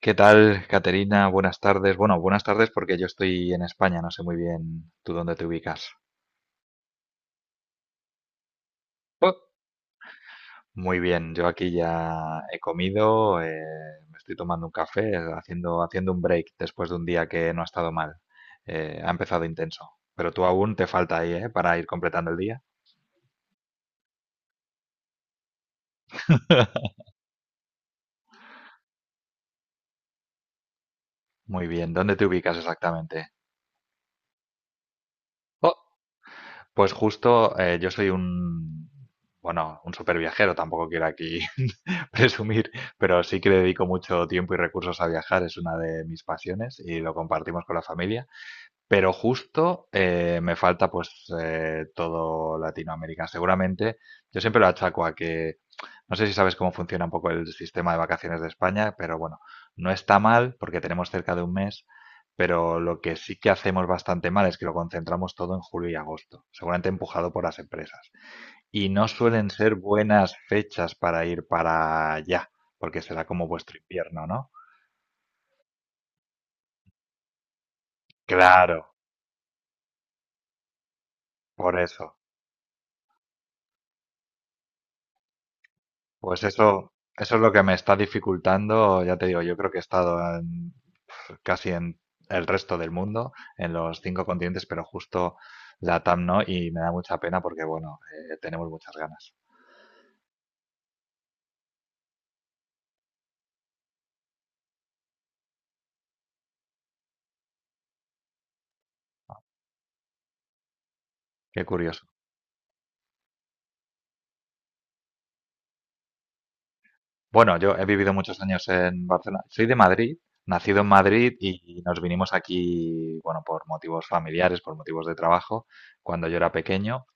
¿Qué tal, Caterina? Buenas tardes. Bueno, buenas tardes porque yo estoy en España, no sé muy bien tú dónde te ubicas. Oh, muy bien, yo aquí ya he comido, me estoy tomando un café, haciendo un break después de un día que no ha estado mal. Ha empezado intenso, pero tú aún te falta ahí, ¿eh? Para ir completando el día. Muy bien, ¿dónde te ubicas exactamente? Pues justo yo soy bueno, un super viajero, tampoco quiero aquí presumir, pero sí que le dedico mucho tiempo y recursos a viajar, es una de mis pasiones y lo compartimos con la familia. Pero justo me falta pues todo Latinoamérica. Seguramente, yo siempre lo achaco a que, no sé si sabes cómo funciona un poco el sistema de vacaciones de España, pero bueno, no está mal porque tenemos cerca de un mes, pero lo que sí que hacemos bastante mal es que lo concentramos todo en julio y agosto, seguramente empujado por las empresas. Y no suelen ser buenas fechas para ir para allá, porque será como vuestro invierno, ¿no? Claro, por eso. Pues eso es lo que me está dificultando, ya te digo, yo creo que casi en el resto del mundo, en los cinco continentes, pero justo la TAM no, y me da mucha pena porque, bueno, tenemos muchas ganas. Qué curioso. Bueno, yo he vivido muchos años en Barcelona, soy de Madrid, nacido en Madrid y nos vinimos aquí, bueno, por motivos familiares, por motivos de trabajo, cuando yo era pequeño.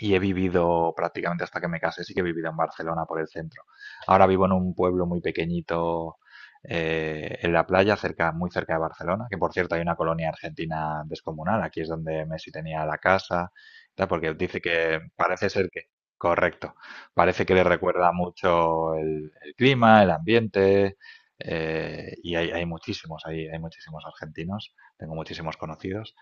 Y he vivido prácticamente hasta que me casé, sí que he vivido en Barcelona por el centro. Ahora vivo en un pueblo muy pequeñito en la playa, cerca, muy cerca de Barcelona, que por cierto hay una colonia argentina descomunal, aquí es donde Messi tenía la casa, tal, porque dice que parece ser que, correcto, parece que le recuerda mucho el clima, el ambiente, y hay muchísimos, hay muchísimos argentinos, tengo muchísimos conocidos.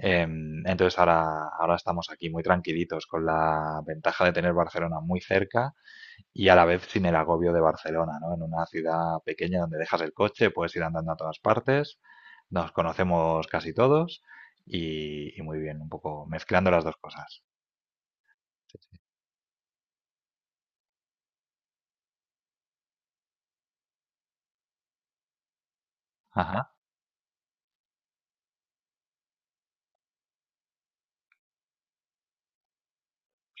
Entonces ahora estamos aquí muy tranquilitos con la ventaja de tener Barcelona muy cerca y a la vez sin el agobio de Barcelona, ¿no? En una ciudad pequeña donde dejas el coche, puedes ir andando a todas partes, nos conocemos casi todos y muy bien, un poco mezclando las dos cosas. Sí, sí. Ajá,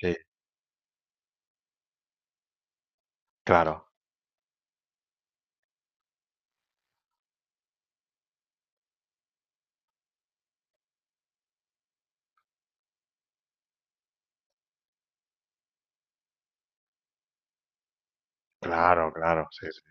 sí, claro, claro, claro, sí, sí.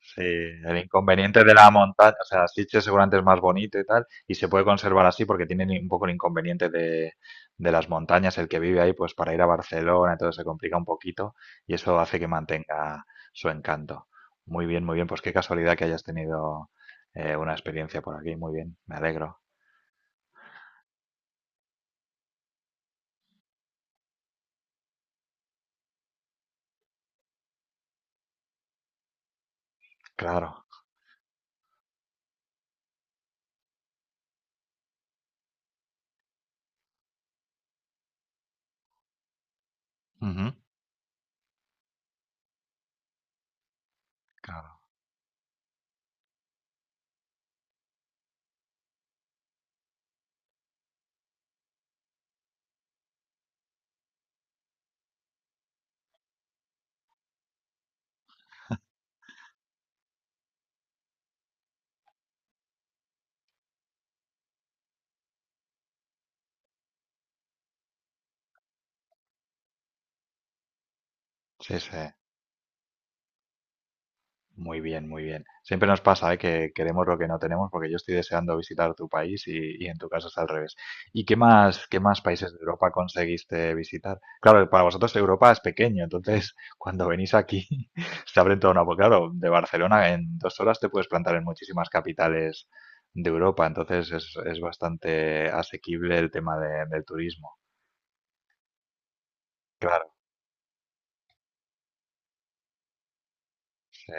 Sí, el inconveniente de la montaña, o sea, Sitges seguramente es más bonito y tal, y se puede conservar así porque tienen un poco el inconveniente de las montañas, el que vive ahí, pues para ir a Barcelona, entonces se complica un poquito y eso hace que mantenga su encanto. Muy bien, pues qué casualidad que hayas tenido una experiencia por aquí, muy bien, me alegro, claro, ujú, claro, sí, sí. Muy bien, muy bien. Siempre nos pasa, ¿eh? Que queremos lo que no tenemos, porque yo estoy deseando visitar tu país y en tu caso es al revés. ¿Y qué más países de Europa conseguiste visitar? Claro, para vosotros Europa es pequeño, entonces cuando venís aquí se abre toda una... Porque claro, de Barcelona en 2 horas te puedes plantar en muchísimas capitales de Europa, entonces es bastante asequible el tema del turismo. Claro, sí.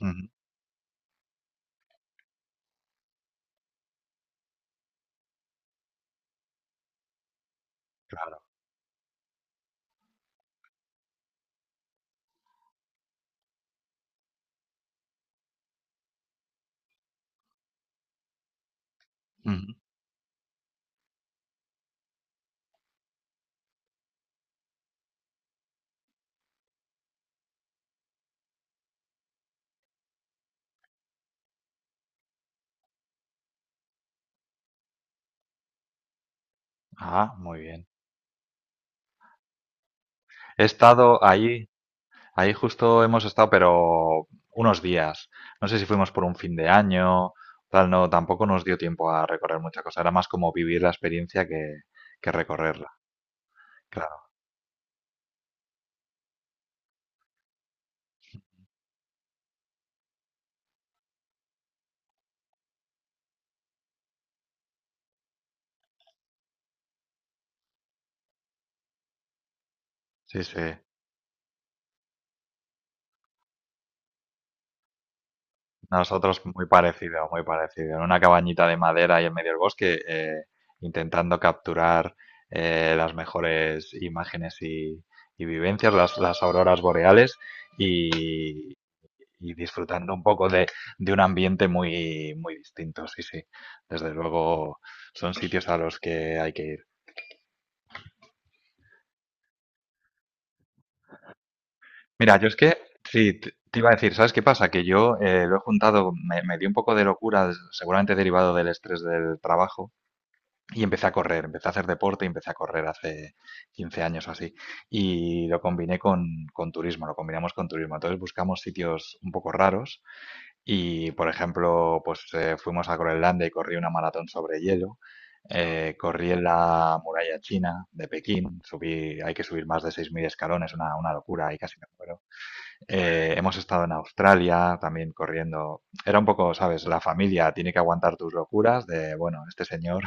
Ujú, claro. Ujú. Ah, muy bien. He estado allí. Ahí justo hemos estado, pero unos días. No sé si fuimos por un fin de año, tal, no, tampoco nos dio tiempo a recorrer mucha cosa. Era más como vivir la experiencia que recorrerla. Claro, sí, sí. Nosotros muy parecido, muy parecido. En una cabañita de madera y en medio del bosque, intentando capturar las mejores imágenes y vivencias, las auroras boreales. Y, y disfrutando un poco de un ambiente muy, muy distinto. Sí, sí. Desde luego son sitios a los que hay que ir. Mira, yo es que, sí, te iba a decir, ¿sabes qué pasa? Que yo lo he juntado, me dio un poco de locura, seguramente derivado del estrés del trabajo, y empecé a correr, empecé a hacer deporte y empecé a correr hace 15 años o así. Y lo combiné con turismo, lo combinamos con turismo. Entonces buscamos sitios un poco raros. Y, por ejemplo, pues, fuimos a Groenlandia y corrí una maratón sobre hielo. Corrí en la muralla china de Pekín, subí, hay que subir más de 6.000 escalones, una locura, ahí casi me muero. Hemos estado en Australia también corriendo. Era un poco, ¿sabes? La familia tiene que aguantar tus locuras de, bueno, este señor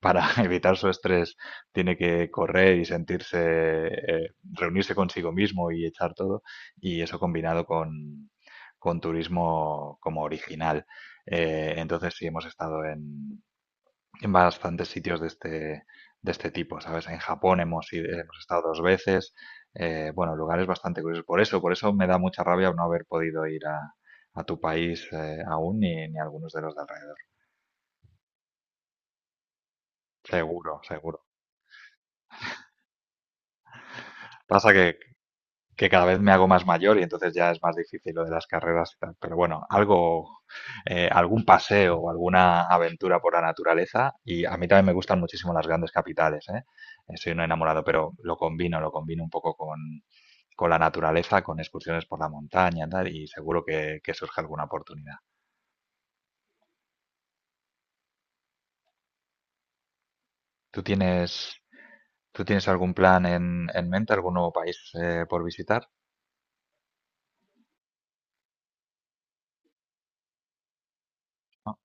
para evitar su estrés tiene que correr y sentirse, reunirse consigo mismo y echar todo, y eso combinado con turismo como original. Entonces sí hemos estado en bastantes sitios de este tipo, ¿sabes? En Japón hemos estado 2 veces, bueno, lugares bastante curiosos. Por eso me da mucha rabia no haber podido ir a tu país aún ni, ni a algunos de los de alrededor. Seguro, seguro. Pasa que cada vez me hago más mayor y entonces ya es más difícil lo de las carreras y tal. Pero bueno, algo, algún paseo o alguna aventura por la naturaleza y a mí también me gustan muchísimo las grandes capitales, ¿eh? Soy un enamorado, pero lo combino un poco con la naturaleza, con excursiones por la montaña, tal, y seguro que surge alguna oportunidad. ¿Tú tienes, tú tienes algún plan en mente, algún nuevo país por visitar? ¿No?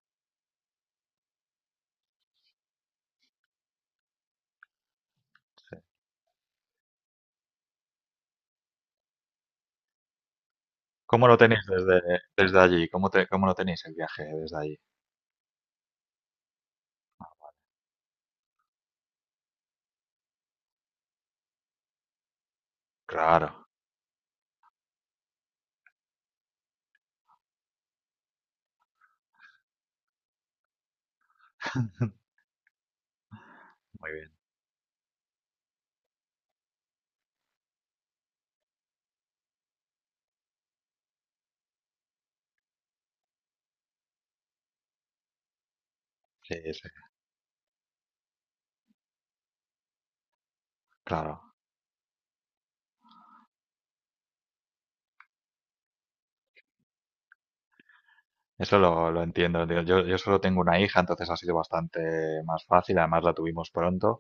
Sí. ¿Cómo lo tenéis desde, desde allí? ¿Cómo cómo lo tenéis el viaje desde allí? Claro. Muy bien, sí, sí, claro. Eso lo entiendo, tío. Yo solo tengo una hija, entonces ha sido bastante más fácil. Además, la tuvimos pronto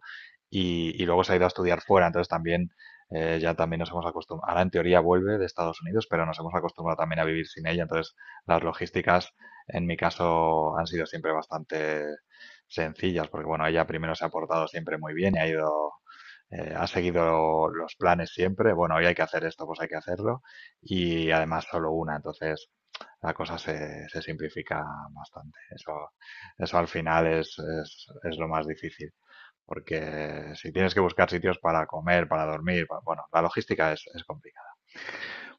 y luego se ha ido a estudiar fuera. Entonces, también ya también nos hemos acostumbrado. Ahora, en teoría, vuelve de Estados Unidos, pero nos hemos acostumbrado también a vivir sin ella. Entonces, las logísticas, en mi caso, han sido siempre bastante sencillas, porque bueno, ella primero se ha portado siempre muy bien y ha ido, ha seguido los planes siempre. Bueno, hoy hay que hacer esto, pues hay que hacerlo. Y además, solo una. Entonces la cosa se, se simplifica bastante. Eso al final es lo más difícil, porque si tienes que buscar sitios para comer, para dormir, bueno, la logística es complicada.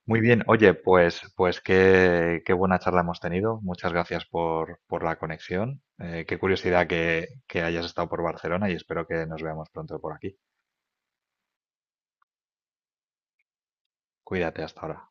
Muy bien, oye, pues, pues qué, qué buena charla hemos tenido. Muchas gracias por la conexión. Qué curiosidad que hayas estado por Barcelona y espero que nos veamos pronto por aquí. Cuídate hasta ahora.